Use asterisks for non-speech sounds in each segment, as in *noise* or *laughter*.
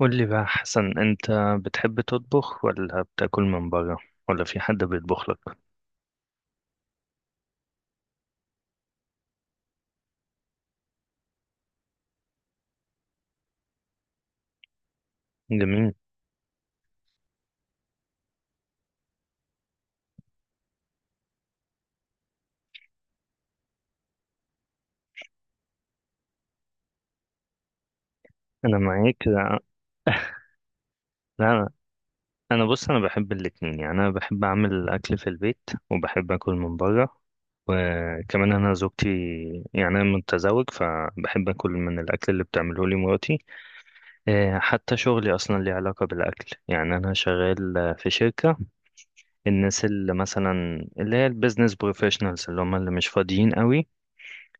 قول لي بقى حسن، انت بتحب تطبخ ولا بتاكل من بره ولا في حد بيطبخ لك؟ جميل. انا معاك. لا، لا، انا بص انا بحب الاتنين، يعني انا بحب اعمل الاكل في البيت وبحب اكل من بره. وكمان انا زوجتي، يعني انا متزوج، فبحب اكل من الاكل اللي بتعمله لي مراتي. حتى شغلي اصلا ليه علاقه بالاكل، يعني انا شغال في شركه. الناس اللي مثلا اللي هي البيزنس بروفيشنالز اللي هم اللي مش فاضيين قوي،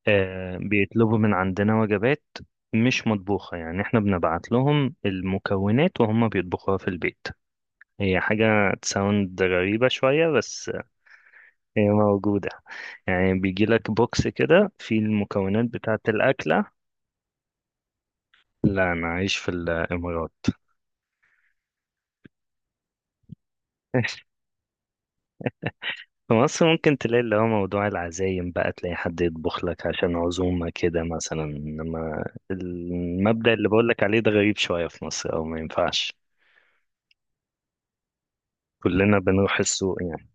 بيطلبوا من عندنا وجبات مش مطبوخة. يعني احنا بنبعت لهم المكونات وهم بيطبخوها في البيت. هي حاجة تساوند غريبة شوية، بس هي موجودة. يعني بيجيلك بوكس كده فيه المكونات بتاعة الأكلة. لا، أنا عايش في الإمارات. *laughs* في مصر ممكن تلاقي اللي هو موضوع العزايم بقى، تلاقي حد يطبخ لك عشان عزومة كده مثلا، إنما المبدأ اللي بقولك عليه ده غريب شوية في مصر أو ما ينفعش. كلنا بنروح السوق يعني.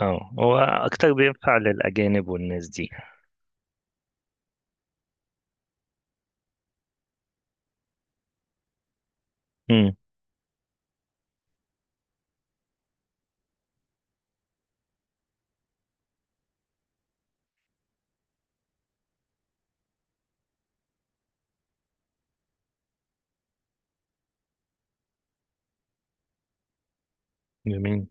اه، هو اكتر بينفع للاجانب والناس دي. امم. جميل.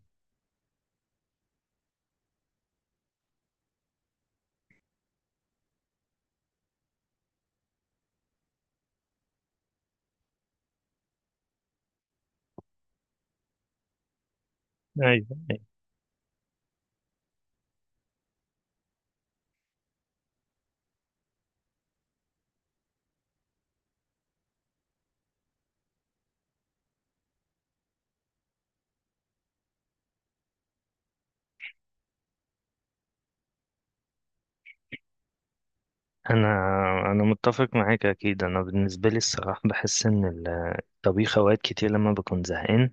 ايوه. أيوة. انا انا متفق معاك اكيد. انا بالنسبه لي الصراحه بحس ان الطبيخ اوقات كتير لما بكون زهقان،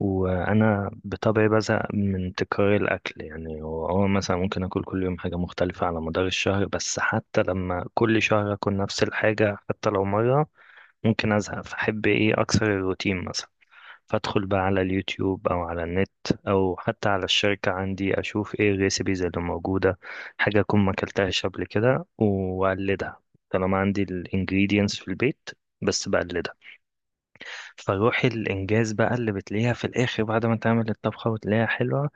وانا بطبعي بزهق من تكرار الاكل، يعني هو مثلا ممكن اكل كل يوم حاجه مختلفه على مدار الشهر، بس حتى لما كل شهر اكل نفس الحاجه حتى لو مره ممكن ازهق. فاحب ايه، اكسر الروتين مثلا. فادخل بقى على اليوتيوب او على النت او حتى على الشركة عندي، اشوف ايه الريسيبيز اللي موجودة، حاجة اكون ما اكلتهاش قبل كده واقلدها. طالما عندي الانجريدينتس في البيت بس بقلدها. فروح الانجاز بقى اللي بتلاقيها في الاخر بعد ما تعمل الطبخة وتلاقيها حلوة،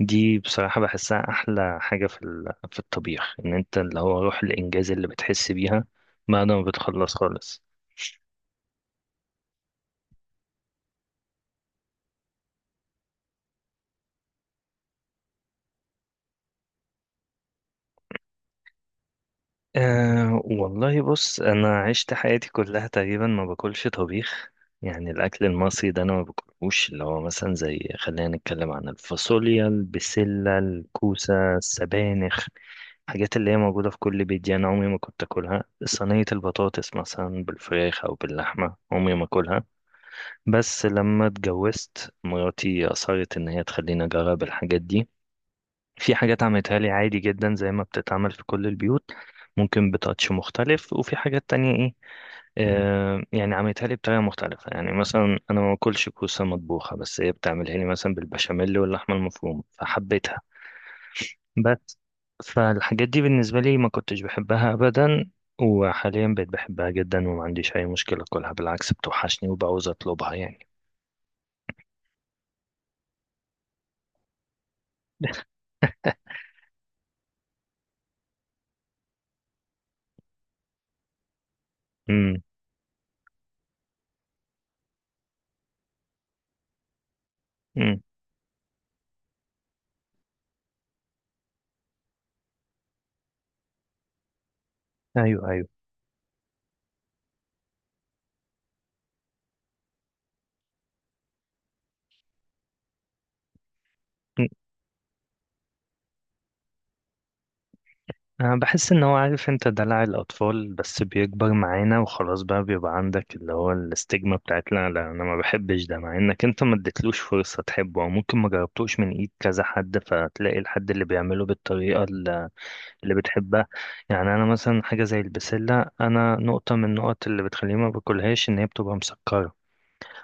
دي بصراحة بحسها احلى حاجة في الطبيخ، ان انت اللي هو روح الانجاز اللي بتحس بيها بعد ما بتخلص خالص. أه والله، بص، أنا عشت حياتي كلها تقريبا ما باكلش طبيخ. يعني الأكل المصري ده أنا ما باكلهوش، اللي هو مثلا زي خلينا نتكلم عن الفاصوليا، البسلة، الكوسة، السبانخ، الحاجات اللي هي موجودة في كل بيت دي، أنا عمري ما كنت أكلها. صينية البطاطس مثلا بالفراخ أو باللحمة عمري ما أكلها. بس لما اتجوزت، مراتي أصرت إن هي تخليني أجرب الحاجات دي. في حاجات عملتها لي عادي جدا زي ما بتتعمل في كل البيوت، ممكن بتاتش مختلف، وفي حاجات تانية ايه، يعني عملتها لي بطريقة مختلفة. يعني مثلا انا ما باكلش كوسة مطبوخة، بس هي بتعملها لي مثلا بالبشاميل واللحمة المفرومة فحبيتها. بس فالحاجات دي بالنسبة لي ما كنتش بحبها ابدا، وحاليا بقيت بحبها جدا وما عنديش اي مشكلة اكلها، بالعكس بتوحشني وبعوز اطلبها يعني. امم، امم، ايوه، ايوه. أنا بحس إن هو، عارف أنت، دلع الأطفال بس بيكبر معانا وخلاص، بقى بيبقى عندك اللي هو الاستجمة بتاعت لا لا أنا ما بحبش ده، مع إنك أنت ما اديتلوش فرصة تحبه، أو ممكن ما جربتوش من إيد كذا حد فتلاقي الحد اللي بيعمله بالطريقة اللي بتحبها. يعني أنا مثلا حاجة زي البسلة، أنا نقطة من النقط اللي بتخليني ما باكلهاش إن هي بتبقى مسكرة.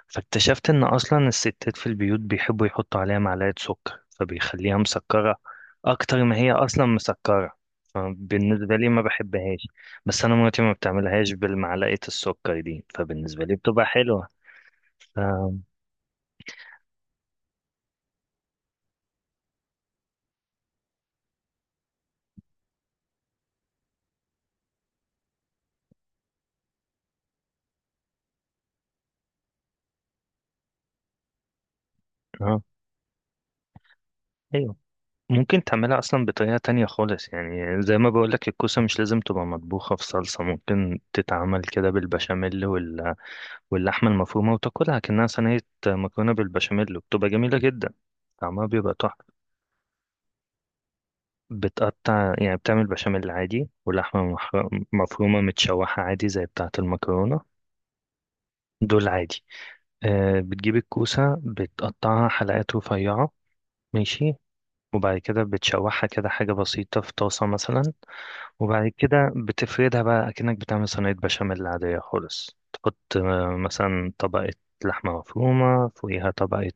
فاكتشفت ان اصلا الستات في البيوت بيحبوا يحطوا عليها معلقة سكر فبيخليها مسكرة اكتر ما هي اصلا مسكرة. فبالنسبة لي ما بحبهاش. بس انا مراتي ما بتعملهاش بالمعلقة السكر دي، فبالنسبة لي بتبقى حلوة. ف... اه، ايوه. ممكن تعملها اصلا بطريقة تانية خالص، يعني زي ما بقولك الكوسة مش لازم تبقى مطبوخة في صلصة. ممكن تتعمل كده بالبشاميل واللحمة المفرومة وتاكلها كأنها صينية مكرونة بالبشاميل، وبتبقى جميلة جدا، طعمها بيبقى تحفة. بتقطع، يعني بتعمل بشاميل عادي، ولحمة مفرومة متشوحة عادي زي بتاعة المكرونة، دول عادي. بتجيب الكوسة بتقطعها حلقات رفيعة، ماشي، وبعد كده بتشوحها كده حاجة بسيطة في طاسة مثلا، وبعد كده بتفردها بقى أكنك بتعمل صينية بشاميل عادية خالص. تحط مثلا طبقة لحمة مفرومة، فوقيها طبقة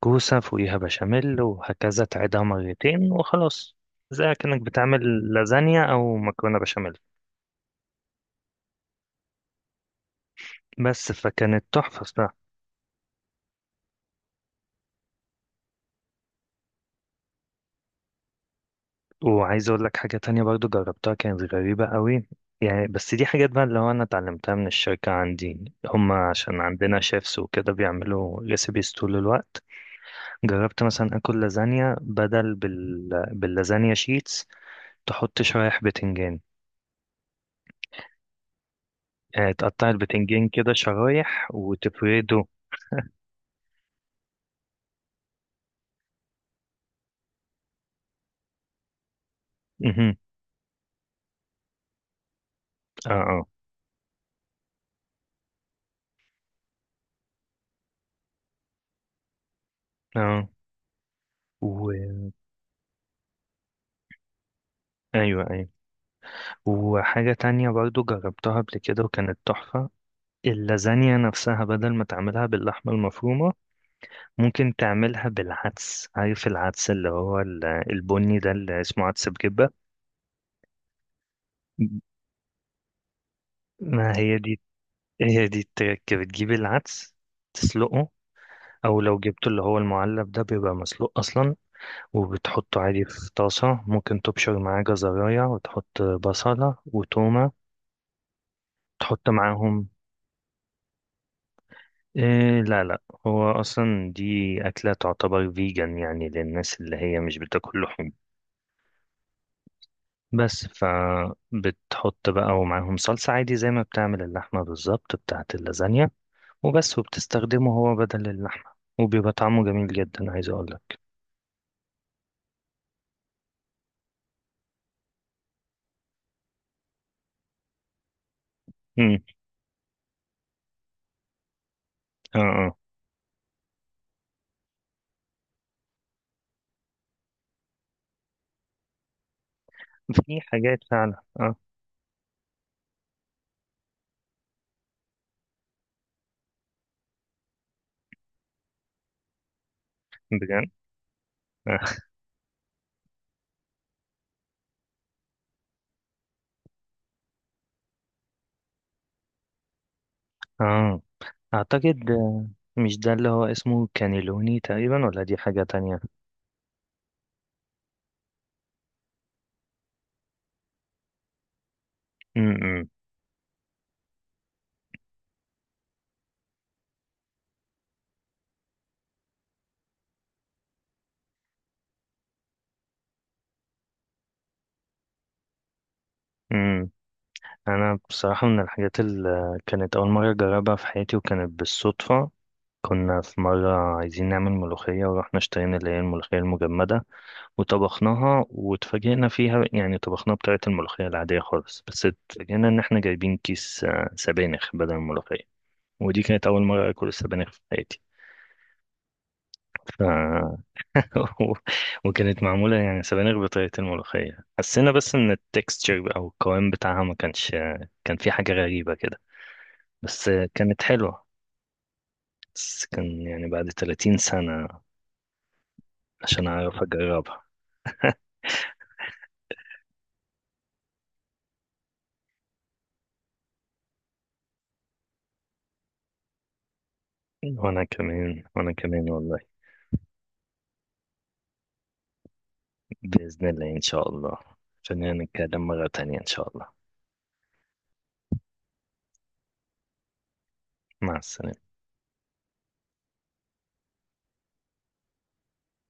كوسة، فوقيها بشاميل، وهكذا تعيدها مرتين وخلاص. زي كأنك بتعمل لازانيا أو مكرونة بشاميل. بس فكانت تحفة صراحة. وعايز أقول لك حاجة تانية برضو جربتها كانت غريبة قوي، يعني بس دي حاجات بقى اللي هو أنا اتعلمتها من الشركة عندي، هما عشان عندنا شيفs وكده بيعملوا ريسيبيز طول الوقت. جربت مثلا آكل لازانيا بدل باللازانيا شيتس، تحط شرايح بتنجان. يعني تقطع البتنجان كده شرايح وتفرده. *laughs* اه، اه، اه. و... ايوه، ايوه. وحاجة تانية برضو جربتها قبل كده وكانت تحفة، اللازانيا نفسها بدل ما تعملها باللحمة المفرومة ممكن تعملها بالعدس. عارف العدس اللي هو البني ده اللي اسمه عدس بجبة. ما هي دي هي دي التركة. بتجيب العدس تسلقه، او لو جبته اللي هو المعلب ده بيبقى مسلوق اصلا، وبتحطه عادي في طاسة. ممكن تبشر معاه جزراية وتحط بصلة وتومة، تحط معاهم، إيه، لا لا، هو أصلا دي أكلة تعتبر فيجن يعني، للناس اللي هي مش بتاكل لحوم. بس فبتحط بقى، ومعاهم صلصة عادي زي ما بتعمل اللحمة بالظبط بتاعة اللازانيا، وبس. وبتستخدمه هو بدل اللحمة وبيبقى طعمه جميل جدا، عايز أقولك. امم، اه، اه. في حاجات فعلا، اه، بجد. *laughs* اه، آه. أعتقد مش ده اللي هو اسمه كانيلوني تقريبا ولا دي حاجة تانية؟ امم. انا بصراحة من الحاجات اللي كانت اول مرة اجربها في حياتي وكانت بالصدفة، كنا في مرة عايزين نعمل ملوخية ورحنا اشترينا اللي هي الملوخية المجمدة، وطبخناها واتفاجئنا فيها. يعني طبخناها بطريقة الملوخية العادية خالص، بس اتفاجئنا ان احنا جايبين كيس سبانخ بدل الملوخية. ودي كانت اول مرة اكل السبانخ في حياتي. ف... *laughs* و- وكانت معمولة يعني سبانخ بطريقة الملوخية. حسينا بس ان التكستشر او القوام بتاعها ما كانش، كان في حاجة غريبة كده، بس كانت حلوة. بس كان يعني بعد 30 سنة عشان أعرف أجربها. وأنا كمان، وأنا كمان والله. بإذن الله إن شاء الله. خلينا نتكلم مرة تانية إن شاء الله. مع السلامة.